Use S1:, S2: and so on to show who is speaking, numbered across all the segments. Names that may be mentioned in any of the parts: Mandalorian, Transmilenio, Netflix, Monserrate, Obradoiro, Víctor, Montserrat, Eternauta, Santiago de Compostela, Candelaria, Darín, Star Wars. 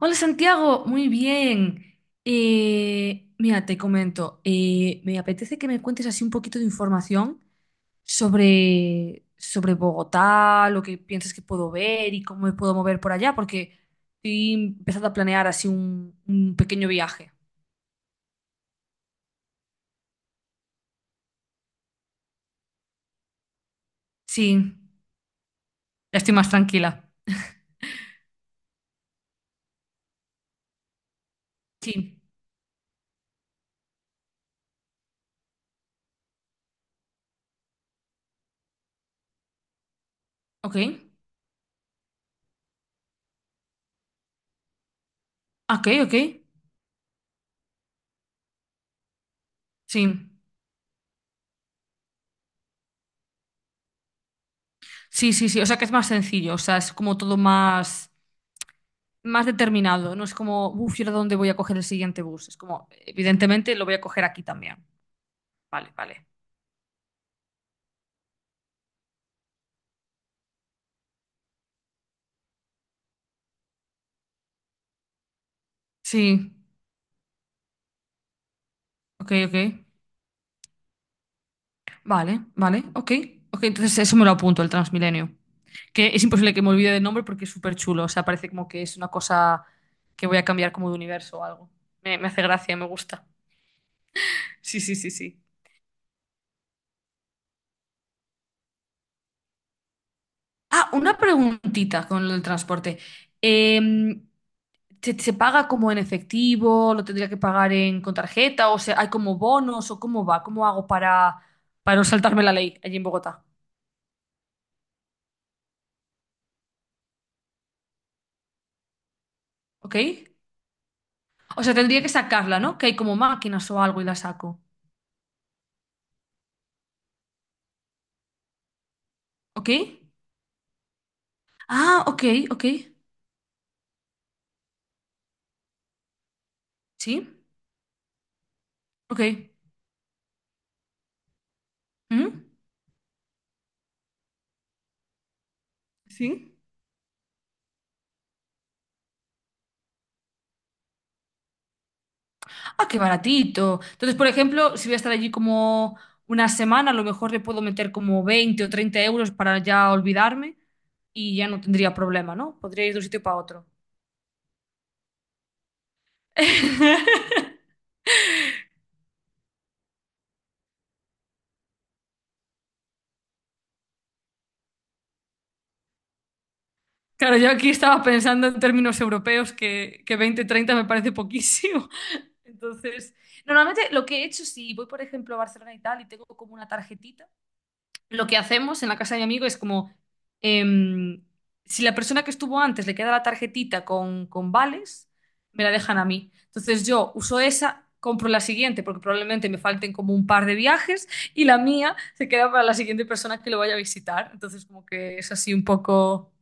S1: Hola Santiago, muy bien. Mira, te comento, me apetece que me cuentes así un poquito de información sobre Bogotá, lo que piensas que puedo ver y cómo me puedo mover por allá, porque estoy empezando a planear así un pequeño viaje. Sí, ya estoy más tranquila. Sí, ok, ok, ok. Sí, sí, sí, sí, o sea que es más sencillo, o sea, es como todo más determinado. No es como, uff, ¿y ahora dónde voy a coger el siguiente bus? Es como, evidentemente lo voy a coger aquí también. Vale, vale. Sí, ok, ok. Vale, vale, ok. Ok, entonces eso me lo apunto, el Transmilenio. Que es imposible que me olvide del nombre porque es súper chulo. O sea, parece como que es una cosa que voy a cambiar como de universo o algo. Me hace gracia, me gusta. Sí, sí, sí, sí. Ah, una preguntita con el transporte. Em, se paga como en efectivo? ¿Lo tendría que pagar con tarjeta? ¿O sea, hay como bonos? ¿O cómo va? ¿Cómo hago para no saltarme la ley allí en Bogotá? ¿Ok? O sea, tendría que sacarla, ¿no? Que hay como máquinas o algo y la saco. ¿Ok? Ah, ok, ok. Sí, ok. ¿Mm? ¿Sí? Ah, qué baratito. Entonces, por ejemplo, si voy a estar allí como una semana, a lo mejor le puedo meter como 20 o 30 euros para ya olvidarme y ya no tendría problema, ¿no? Podría ir de un sitio para otro. Claro, yo aquí estaba pensando en términos europeos que 20, 30 me parece poquísimo. Entonces, normalmente lo que he hecho, si voy, por ejemplo, a Barcelona y tal, y tengo como una tarjetita, lo que hacemos en la casa de mi amigo es como, em, si la persona que estuvo antes le queda la tarjetita con vales, me la dejan a mí. Entonces yo uso esa, compro la siguiente, porque probablemente me falten como un par de viajes, y la mía se queda para la siguiente persona que lo vaya a visitar. Entonces como que es así un poco.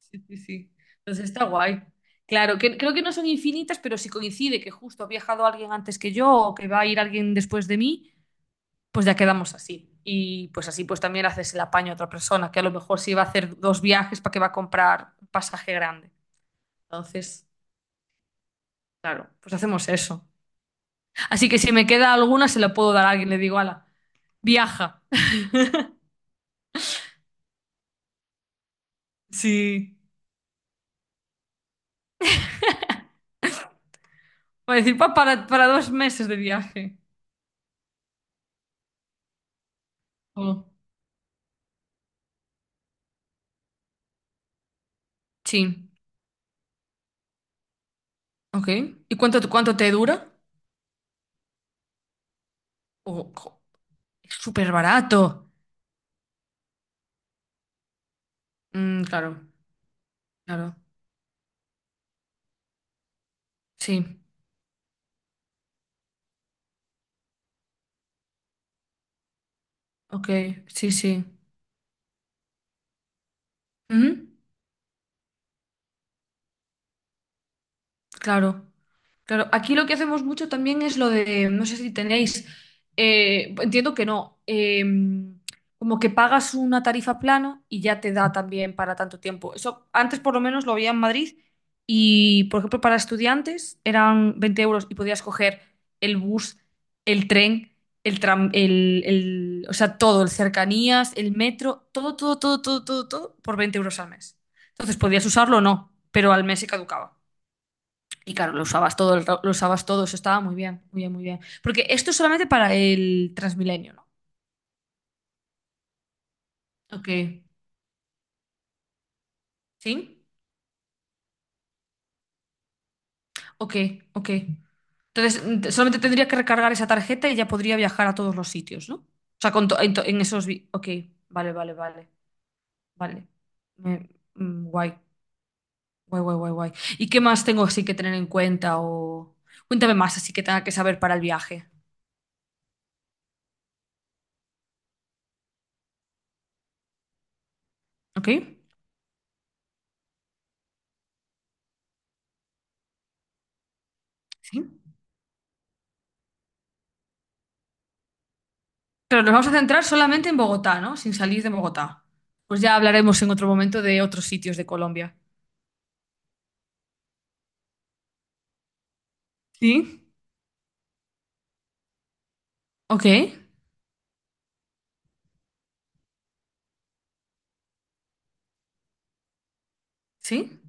S1: Sí, sí, sí. Entonces está guay. Claro, creo que no son infinitas, pero si coincide que justo ha viajado alguien antes que yo o que va a ir alguien después de mí, pues ya quedamos así. Y pues así pues también haces el apaño a otra persona, que a lo mejor sí va a hacer dos viajes para que va a comprar un pasaje grande. Entonces, claro, pues hacemos eso. Así que si me queda alguna, se la puedo dar a alguien. Le digo, ala, viaja. Sí. Va a decir, para 2 meses de viaje. Oh, sí. Ok. ¿Y cuánto te dura? Oh, jo, es súper barato. Mm, claro, claro. Sí. Ok, sí, sí. Ujú. Claro, claro. Aquí lo que hacemos mucho también es lo de, no sé si tenéis, entiendo que no, como que pagas una tarifa plano y ya te da también para tanto tiempo. Eso antes por lo menos lo había en Madrid y, por ejemplo, para estudiantes eran 20 euros y podías coger el bus, el tren, el tram, o sea, todo, el cercanías, el metro, todo, todo, todo, todo, todo, todo por 20 euros al mes. Entonces podías usarlo o no, pero al mes se caducaba. Y claro, lo usabas todo, lo usabas todo, eso estaba muy bien, muy bien, muy bien. Porque esto es solamente para el Transmilenio, ¿no? Ok, ¿sí? Ok, ok. Entonces, solamente tendría que recargar esa tarjeta y ya podría viajar a todos los sitios, ¿no? O sea, con to- en, to- en esos... vi- ok, vale, vale, vale, vale. Me- guay, guay, guay, guay, guay. ¿Y qué más tengo así que tener en cuenta o...? Cuéntame más así que tenga que saber para el viaje, ¿ok? ¿Sí? Pero nos vamos a centrar solamente en Bogotá, ¿no? Sin salir de Bogotá. Pues ya hablaremos en otro momento de otros sitios de Colombia. Sí. Ok, sí,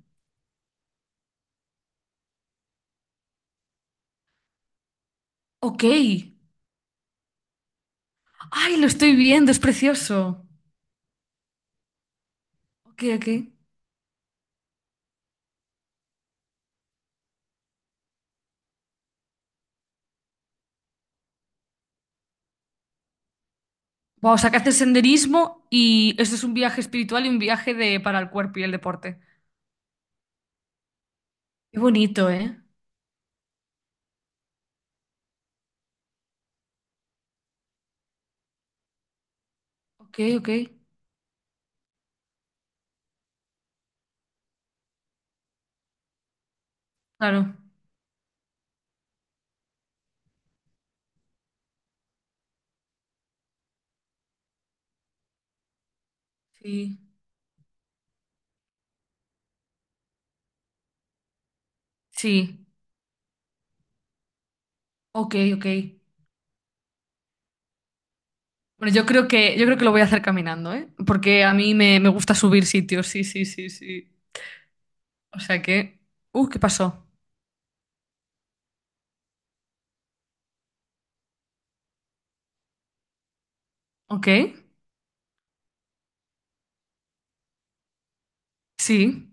S1: ok. Ay, lo estoy viendo, es precioso. Ok, ok. Vamos, sacaste senderismo y esto es un viaje espiritual y un viaje para el cuerpo y el deporte. Qué bonito, ¿eh? Ok, ok. Claro, sí, sí. Ok, ok. Bueno, yo creo que lo voy a hacer caminando, ¿eh? Porque a mí me gusta subir sitios, sí, sí, sí, sí. O sea que. ¿Qué pasó? Ok, sí.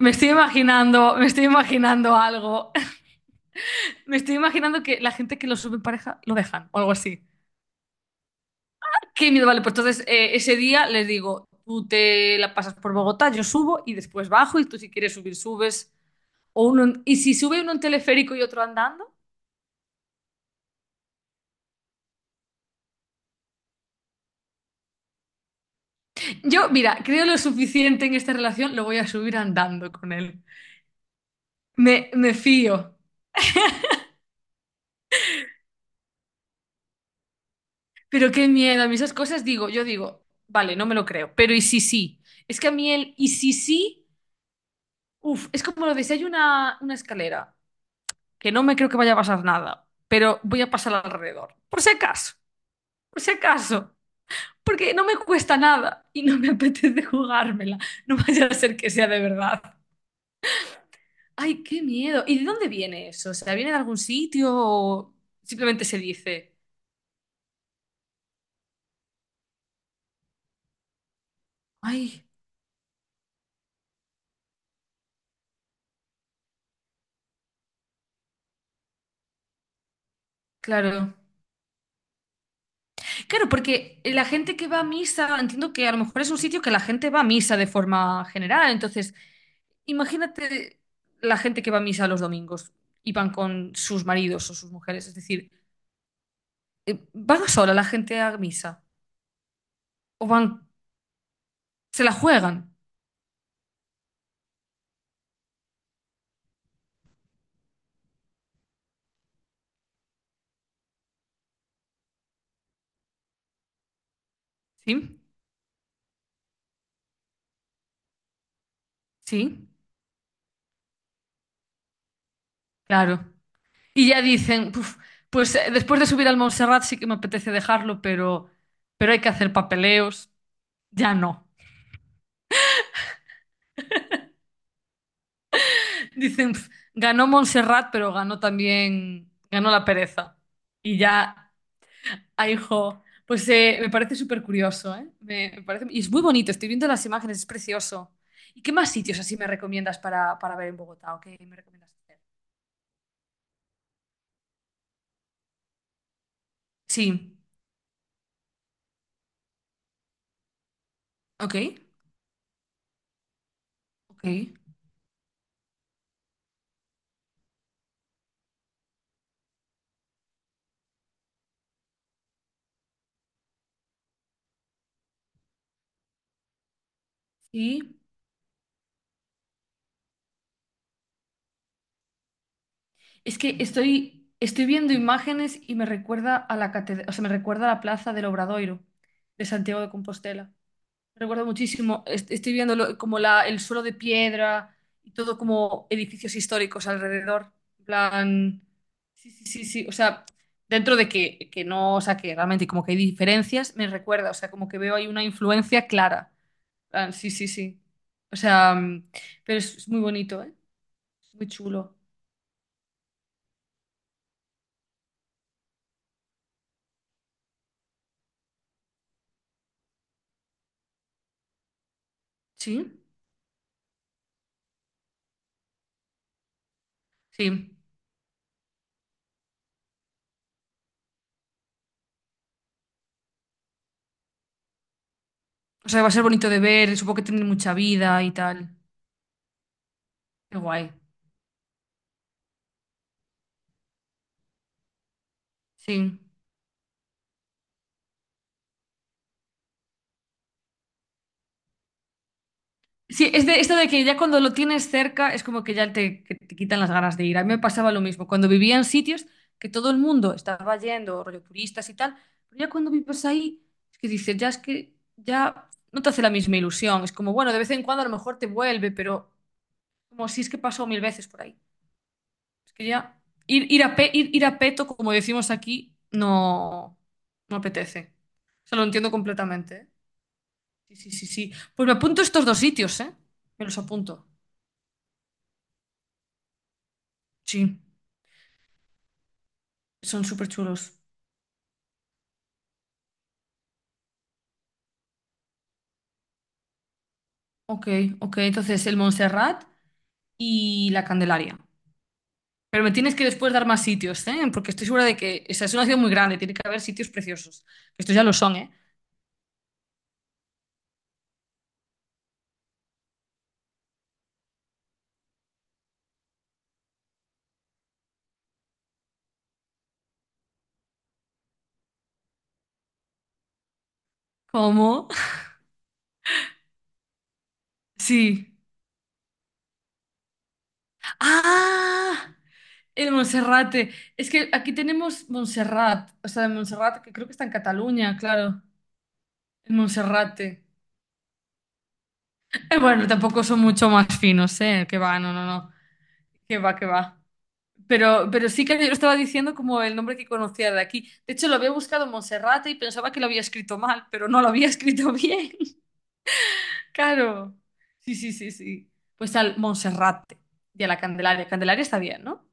S1: Me estoy imaginando algo. Me estoy imaginando que la gente que lo sube en pareja lo dejan o algo así. Qué miedo, vale. Pues entonces ese día les digo, tú te la pasas por Bogotá, yo subo y después bajo y tú si quieres subir, subes. O y si sube uno en teleférico y otro andando. Yo, mira, creo lo suficiente en esta relación, lo voy a subir andando con él. Me fío. Pero qué miedo, a mí esas cosas digo, yo digo, vale, no me lo creo, pero ¿y si sí? Es que a mí el ¿y si sí? Uf, es como lo de si hay una escalera, que no me creo que vaya a pasar nada, pero voy a pasar alrededor, por si acaso, porque no me cuesta nada y no me apetece jugármela, no vaya a ser que sea de verdad. Ay, qué miedo. ¿Y de dónde viene eso? O sea, ¿viene de algún sitio o simplemente se dice? Ay, claro. Claro, porque la gente que va a misa, entiendo que a lo mejor es un sitio que la gente va a misa de forma general. Entonces, imagínate la gente que va a misa los domingos y van con sus maridos o sus mujeres. Es decir, ¿van sola la gente a misa? ¿O van, se la juegan? ¿Sí? Sí, claro. Y ya dicen, "Puf, pues después de subir al Montserrat sí que me apetece dejarlo, pero hay que hacer papeleos. Ya no. Dicen, "Pf, ganó Montserrat, pero ganó también, ganó la pereza. Y ya, ay, jo. Pues me parece súper curioso, ¿eh? Me parece, y es muy bonito, estoy viendo las imágenes, es precioso. ¿Y qué más sitios así me recomiendas para ver en Bogotá? ¿O qué me recomiendas hacer? Sí, ok, ok. Sí, es que estoy viendo imágenes y me recuerda a la catedral, o sea, me recuerda a la plaza del Obradoiro de Santiago de Compostela. Recuerdo muchísimo, estoy viendo el suelo de piedra y todo como edificios históricos alrededor. En plan, sí, sí, sí, sí. O sea, dentro de que no, o sea, que realmente como que hay diferencias, me recuerda, o sea, como que veo ahí una influencia clara. En plan, sí, sí, sí. O sea, pero es muy bonito, ¿eh? Es muy chulo. Sí, sí. O sea, va a ser bonito de ver, supongo que tiene mucha vida y tal. Qué guay. Sí. Sí, es de esto de que ya cuando lo tienes cerca es como que que te quitan las ganas de ir. A mí me pasaba lo mismo. Cuando vivía en sitios que todo el mundo estaba yendo, rollo turistas y tal, pero ya cuando vives ahí, es que dices, ya es que ya no te hace la misma ilusión. Es como, bueno, de vez en cuando a lo mejor te vuelve, pero como si es que pasó mil veces por ahí. Es que ya ir a peto, como decimos aquí, no, no apetece. O sea, lo entiendo completamente, ¿eh? Sí, sí, sí, sí. Pues me apunto estos dos sitios, ¿eh? Me los apunto. Sí. Son súper chulos. Ok, ok. Entonces, el Montserrat y la Candelaria. Pero me tienes que después dar más sitios, ¿eh? Porque estoy segura de que, o sea, es una ciudad muy grande, tiene que haber sitios preciosos. Estos ya lo son, ¿eh? ¿Cómo? Sí. ¡Ah! El Monserrate. Es que aquí tenemos Montserrat. O sea, el Montserrat, que creo que está en Cataluña, claro. El Monserrate. Bueno, tampoco son mucho más finos, ¿eh? Que va, no, no, no. Que va, que va. Pero sí que yo estaba diciendo como el nombre que conocía de aquí. De hecho, lo había buscado en Monserrate y pensaba que lo había escrito mal, pero no lo había escrito bien. Claro. Sí, sí, sí, sí. Pues al Monserrate y a la Candelaria. Candelaria está bien, ¿no?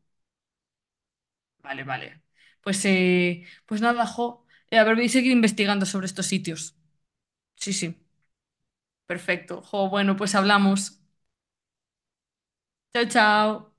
S1: Vale, vale. Pues nada, jo. A ver, voy a seguir investigando sobre estos sitios. Sí, sí. Perfecto. Jo, bueno, pues hablamos. Chao, chao.